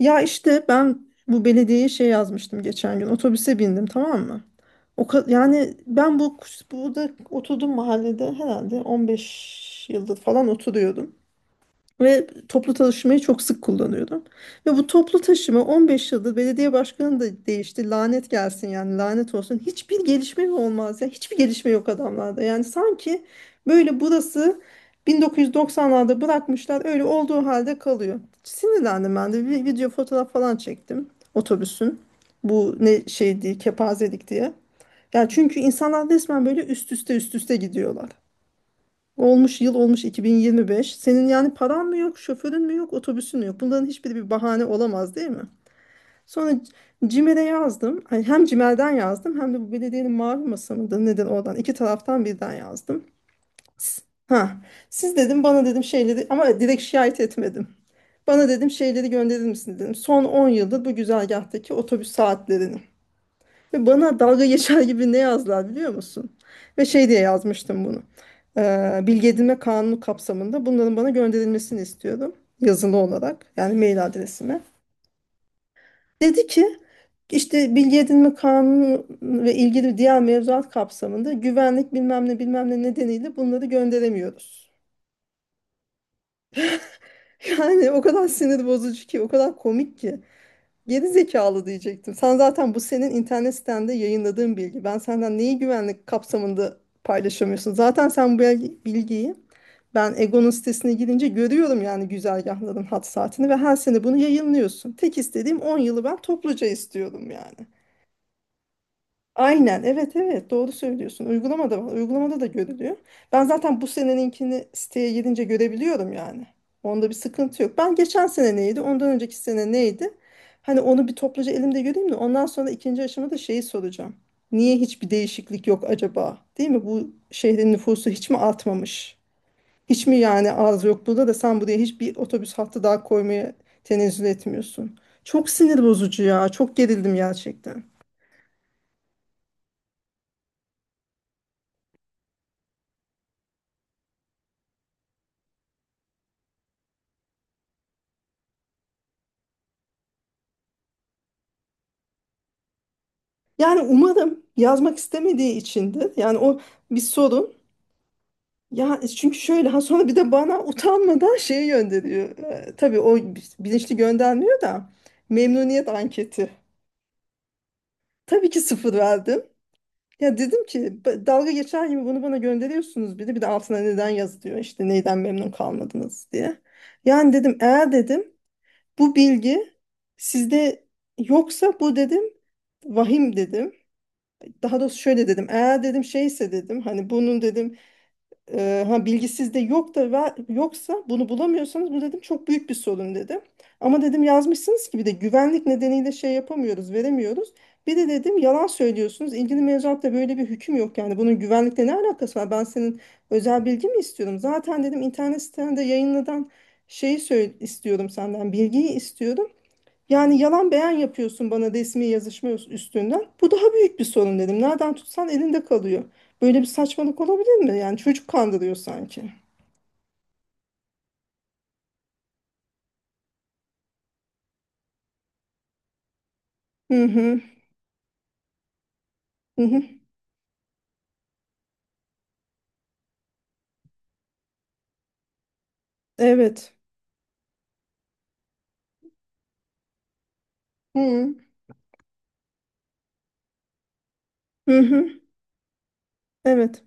Ya işte ben bu belediyeye şey yazmıştım geçen gün. Otobüse bindim tamam mı? Yani ben bu burada oturdum mahallede herhalde 15 yıldır falan oturuyordum. Ve toplu taşımayı çok sık kullanıyordum. Ve bu toplu taşıma 15 yıldır belediye başkanı da değişti. Lanet gelsin yani lanet olsun. Hiçbir gelişme mi olmaz ya? Hiçbir gelişme yok adamlarda. Yani sanki böyle burası 1990'larda bırakmışlar öyle olduğu halde kalıyor. Sinirlendim ben de bir video fotoğraf falan çektim otobüsün. Bu ne şeydi kepazelik diye. Yani çünkü insanlar resmen böyle üst üste üst üste gidiyorlar. Olmuş yıl olmuş 2025. Senin yani paran mı yok, şoförün mü yok, otobüsün mü yok? Bunların hiçbiri bir bahane olamaz değil mi? Sonra yazdım. Ay, hem CİMER'den yazdım hem de bu belediyenin mavi masa mıdır nedir oradan. İki taraftan birden yazdım. S- Ha, siz dedim bana dedim şeyleri ama direkt şikayet etmedim. Bana dedim şeyleri gönderir misin dedim. Son 10 yıldır bu güzergahtaki otobüs saatlerini. Ve bana dalga geçer gibi ne yazdılar biliyor musun? Ve şey diye yazmıştım bunu. Bilgi edinme kanunu kapsamında bunların bana gönderilmesini istiyordum. Yazılı olarak yani mail adresime. Dedi ki işte bilgi edinme kanunu ve ilgili diğer mevzuat kapsamında güvenlik bilmem ne bilmem ne nedeniyle bunları gönderemiyoruz. Yani o kadar sinir bozucu ki o kadar komik ki. Geri zekalı diyecektim. Sen zaten bu senin internet sitende yayınladığın bilgi. Ben senden neyi güvenlik kapsamında paylaşamıyorsun? Zaten sen bu bilgiyi ben Egon'un sitesine girince görüyorum yani güzergahların hat saatini ve her sene bunu yayınlıyorsun. Tek istediğim 10 yılı ben topluca istiyorum yani. Aynen evet evet doğru söylüyorsun. Uygulamada var. Uygulamada da görülüyor. Ben zaten bu seneninkini siteye girince görebiliyorum yani. Onda bir sıkıntı yok. Ben geçen sene neydi? Ondan önceki sene neydi? Hani onu bir topluca elimde göreyim de ondan sonra ikinci aşamada şeyi soracağım. Niye hiçbir değişiklik yok acaba? Değil mi? Bu şehrin nüfusu hiç mi artmamış? Hiç mi yani az yok burada da sen buraya hiçbir otobüs hattı daha koymaya tenezzül etmiyorsun? Çok sinir bozucu ya. Çok gerildim gerçekten. Yani umarım yazmak istemediği içindir. Yani o bir sorun. Ya çünkü şöyle ha sonra bir de bana utanmadan şeyi gönderiyor. Tabii o bilinçli göndermiyor da memnuniyet anketi. Tabii ki sıfır verdim. Ya dedim ki dalga geçer gibi bunu bana gönderiyorsunuz bir de altına neden yazılıyor işte neyden memnun kalmadınız diye. Yani dedim eğer dedim bu bilgi sizde yoksa bu dedim vahim dedim. Daha doğrusu şöyle dedim. Eğer dedim şeyse dedim hani bunun dedim ha bilgi sizde yok da yoksa bunu bulamıyorsanız bu dedim çok büyük bir sorun dedim. Ama dedim yazmışsınız ki bir de güvenlik nedeniyle şey yapamıyoruz, veremiyoruz. Bir de dedim yalan söylüyorsunuz. İlgili mevzuatta böyle bir hüküm yok yani. Bunun güvenlikle ne alakası var? Ben senin özel bilgi mi istiyorum? Zaten dedim internet sitende yayınlanan şeyi söyle istiyorum senden, bilgiyi istiyorum. Yani yalan beyan yapıyorsun bana resmi yazışma üstünden. Bu daha büyük bir sorun dedim. Nereden tutsan elinde kalıyor. Böyle bir saçmalık olabilir mi? Yani çocuk kandırıyor sanki. Hı hı. Hı hı. Evet. Hı hı. Hı. Evet.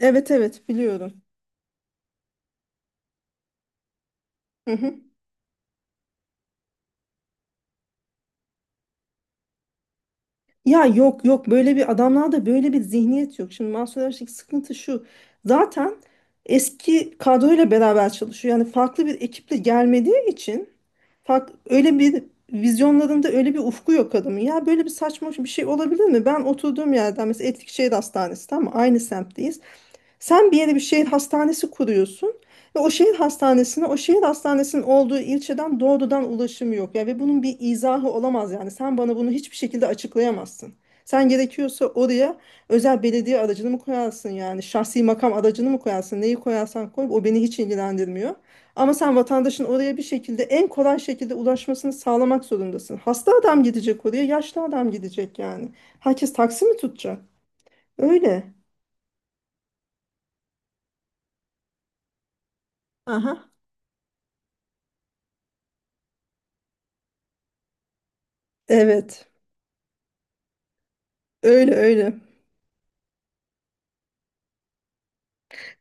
Evet evet biliyorum. Hı hı. Ya yok yok böyle bir adamlarda böyle bir zihniyet yok. Şimdi Mansur Yavaş'taki sıkıntı şu. Zaten eski kadroyla beraber çalışıyor. Yani farklı bir ekiple gelmediği için fark, öyle bir vizyonlarında öyle bir ufku yok adamın. Ya böyle bir saçma bir şey olabilir mi? Ben oturduğum yerden mesela Etlikşehir Hastanesi tamam mı? Aynı semtteyiz. Sen bir yere bir şehir hastanesi kuruyorsun ve o şehir hastanesine o şehir hastanesinin olduğu ilçeden doğrudan ulaşım yok ya ve bunun bir izahı olamaz yani sen bana bunu hiçbir şekilde açıklayamazsın. Sen gerekiyorsa oraya özel belediye aracını mı koyarsın yani şahsi makam aracını mı koyarsın neyi koyarsan koy o beni hiç ilgilendirmiyor. Ama sen vatandaşın oraya bir şekilde en kolay şekilde ulaşmasını sağlamak zorundasın. Hasta adam gidecek oraya, yaşlı adam gidecek yani. Herkes taksi mi tutacak? Öyle. Aha. Evet. Öyle öyle.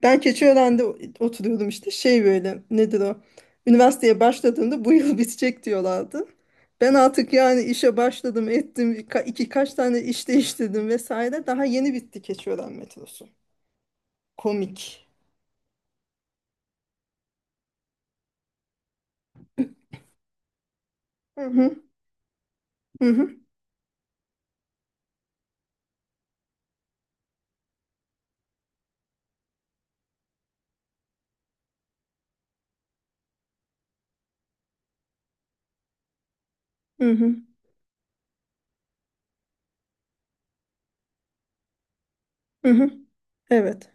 Ben Keçiören'de oturuyordum işte. Şey böyle nedir o? Üniversiteye başladığımda bu yıl bitecek diyorlardı. Ben artık yani işe başladım ettim. İki kaç tane iş değiştirdim vesaire. Daha yeni bitti Keçiören metrosu. Komik. Hı hı hı hı hı hı. Hı hı. Evet.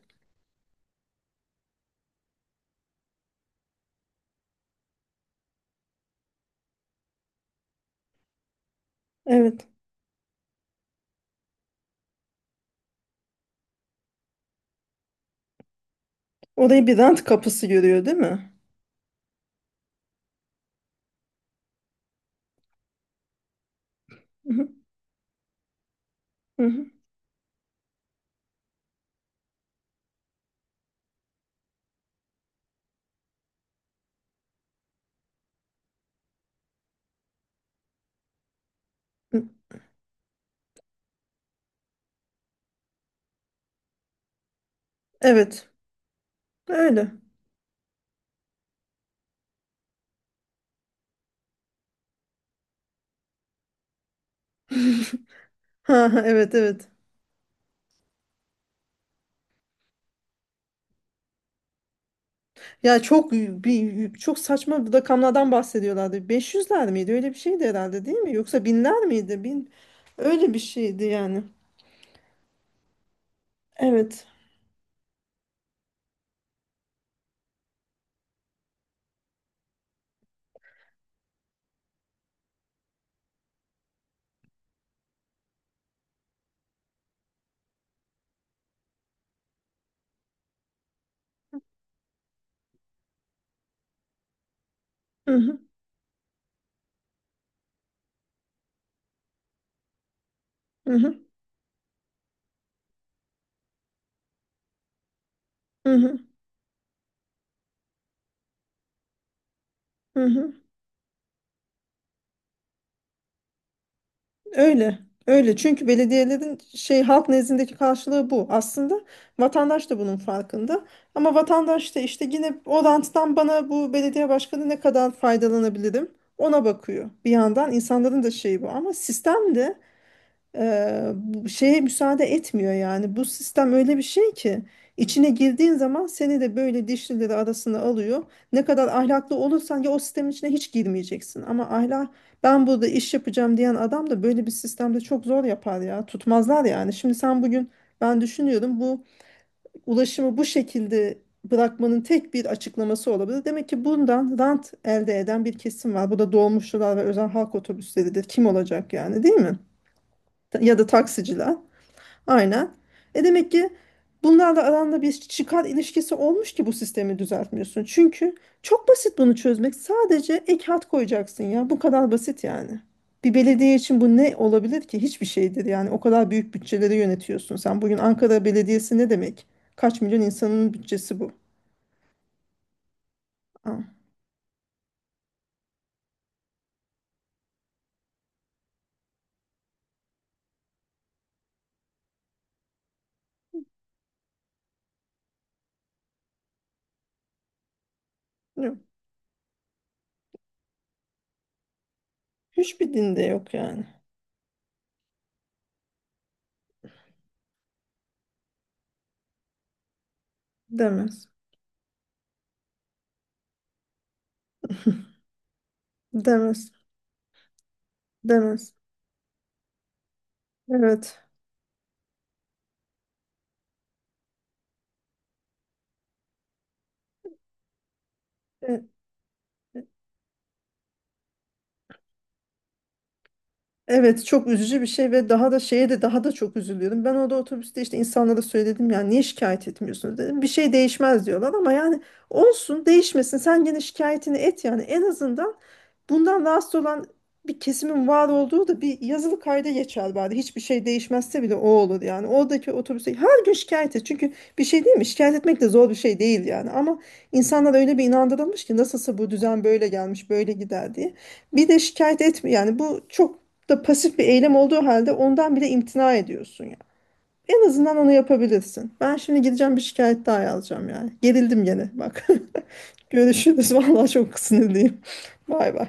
Evet. Orayı bir rant kapısı görüyor değil mi? Hı hı hı hı. Hı. Evet. Öyle. Ha ha, evet evet. Ya çok bir çok saçma bir rakamlardan bahsediyorlardı. 500'ler miydi? Öyle bir şeydi herhalde değil mi? Yoksa binler miydi? Bin öyle bir şeydi yani. Evet. Hı hı, hı hı, hı hı, hı hı. Öyle. Öyle. Çünkü belediyelerin şey halk nezdindeki karşılığı bu. Aslında vatandaş da bunun farkında. Ama vatandaş da işte yine o ranttan bana bu belediye başkanı ne kadar faydalanabilirim ona bakıyor. Bir yandan insanların da şeyi bu ama sistemde bu şeye müsaade etmiyor yani. Bu sistem öyle bir şey ki içine girdiğin zaman seni de böyle dişlileri arasına alıyor. Ne kadar ahlaklı olursan ya o sistemin içine hiç girmeyeceksin. Ama ahlak ben burada iş yapacağım diyen adam da böyle bir sistemde çok zor yapar ya. Tutmazlar yani. Şimdi sen bugün ben düşünüyorum bu ulaşımı bu şekilde bırakmanın tek bir açıklaması olabilir. Demek ki bundan rant elde eden bir kesim var. Bu da dolmuşçular ve özel halk otobüsleridir. Kim olacak yani değil mi? Ya da taksiciler. Aynen. E demek ki bunlarla aranda bir çıkar ilişkisi olmuş ki bu sistemi düzeltmiyorsun. Çünkü çok basit bunu çözmek. Sadece ek hat koyacaksın ya. Bu kadar basit yani. Bir belediye için bu ne olabilir ki? Hiçbir şeydir yani. O kadar büyük bütçeleri yönetiyorsun sen. Bugün Ankara Belediyesi ne demek? Kaç milyon insanın bütçesi bu? Aa, yok. Hiçbir dinde yok yani. Demez. Demez. Demez. Evet. Evet çok üzücü bir şey ve daha da şeye de daha da çok üzülüyordum. Ben orada otobüste işte insanlara söyledim yani niye şikayet etmiyorsunuz dedim. Bir şey değişmez diyorlar ama yani olsun değişmesin sen gene şikayetini et yani en azından bundan rahatsız olan bir kesimin var olduğu da bir yazılı kayda geçer bari. Hiçbir şey değişmezse bile o olur yani. Oradaki otobüse her gün şikayet et. Çünkü bir şey değil mi? Şikayet etmek de zor bir şey değil yani. Ama insanlar öyle bir inandırılmış ki nasılsa bu düzen böyle gelmiş, böyle gider diye. Bir de şikayet etme yani bu çok da pasif bir eylem olduğu halde ondan bile imtina ediyorsun ya. En azından onu yapabilirsin. Ben şimdi gideceğim bir şikayet daha yazacağım yani. Gerildim gene bak. Görüşürüz. Vallahi çok sinirliyim. Bay bay.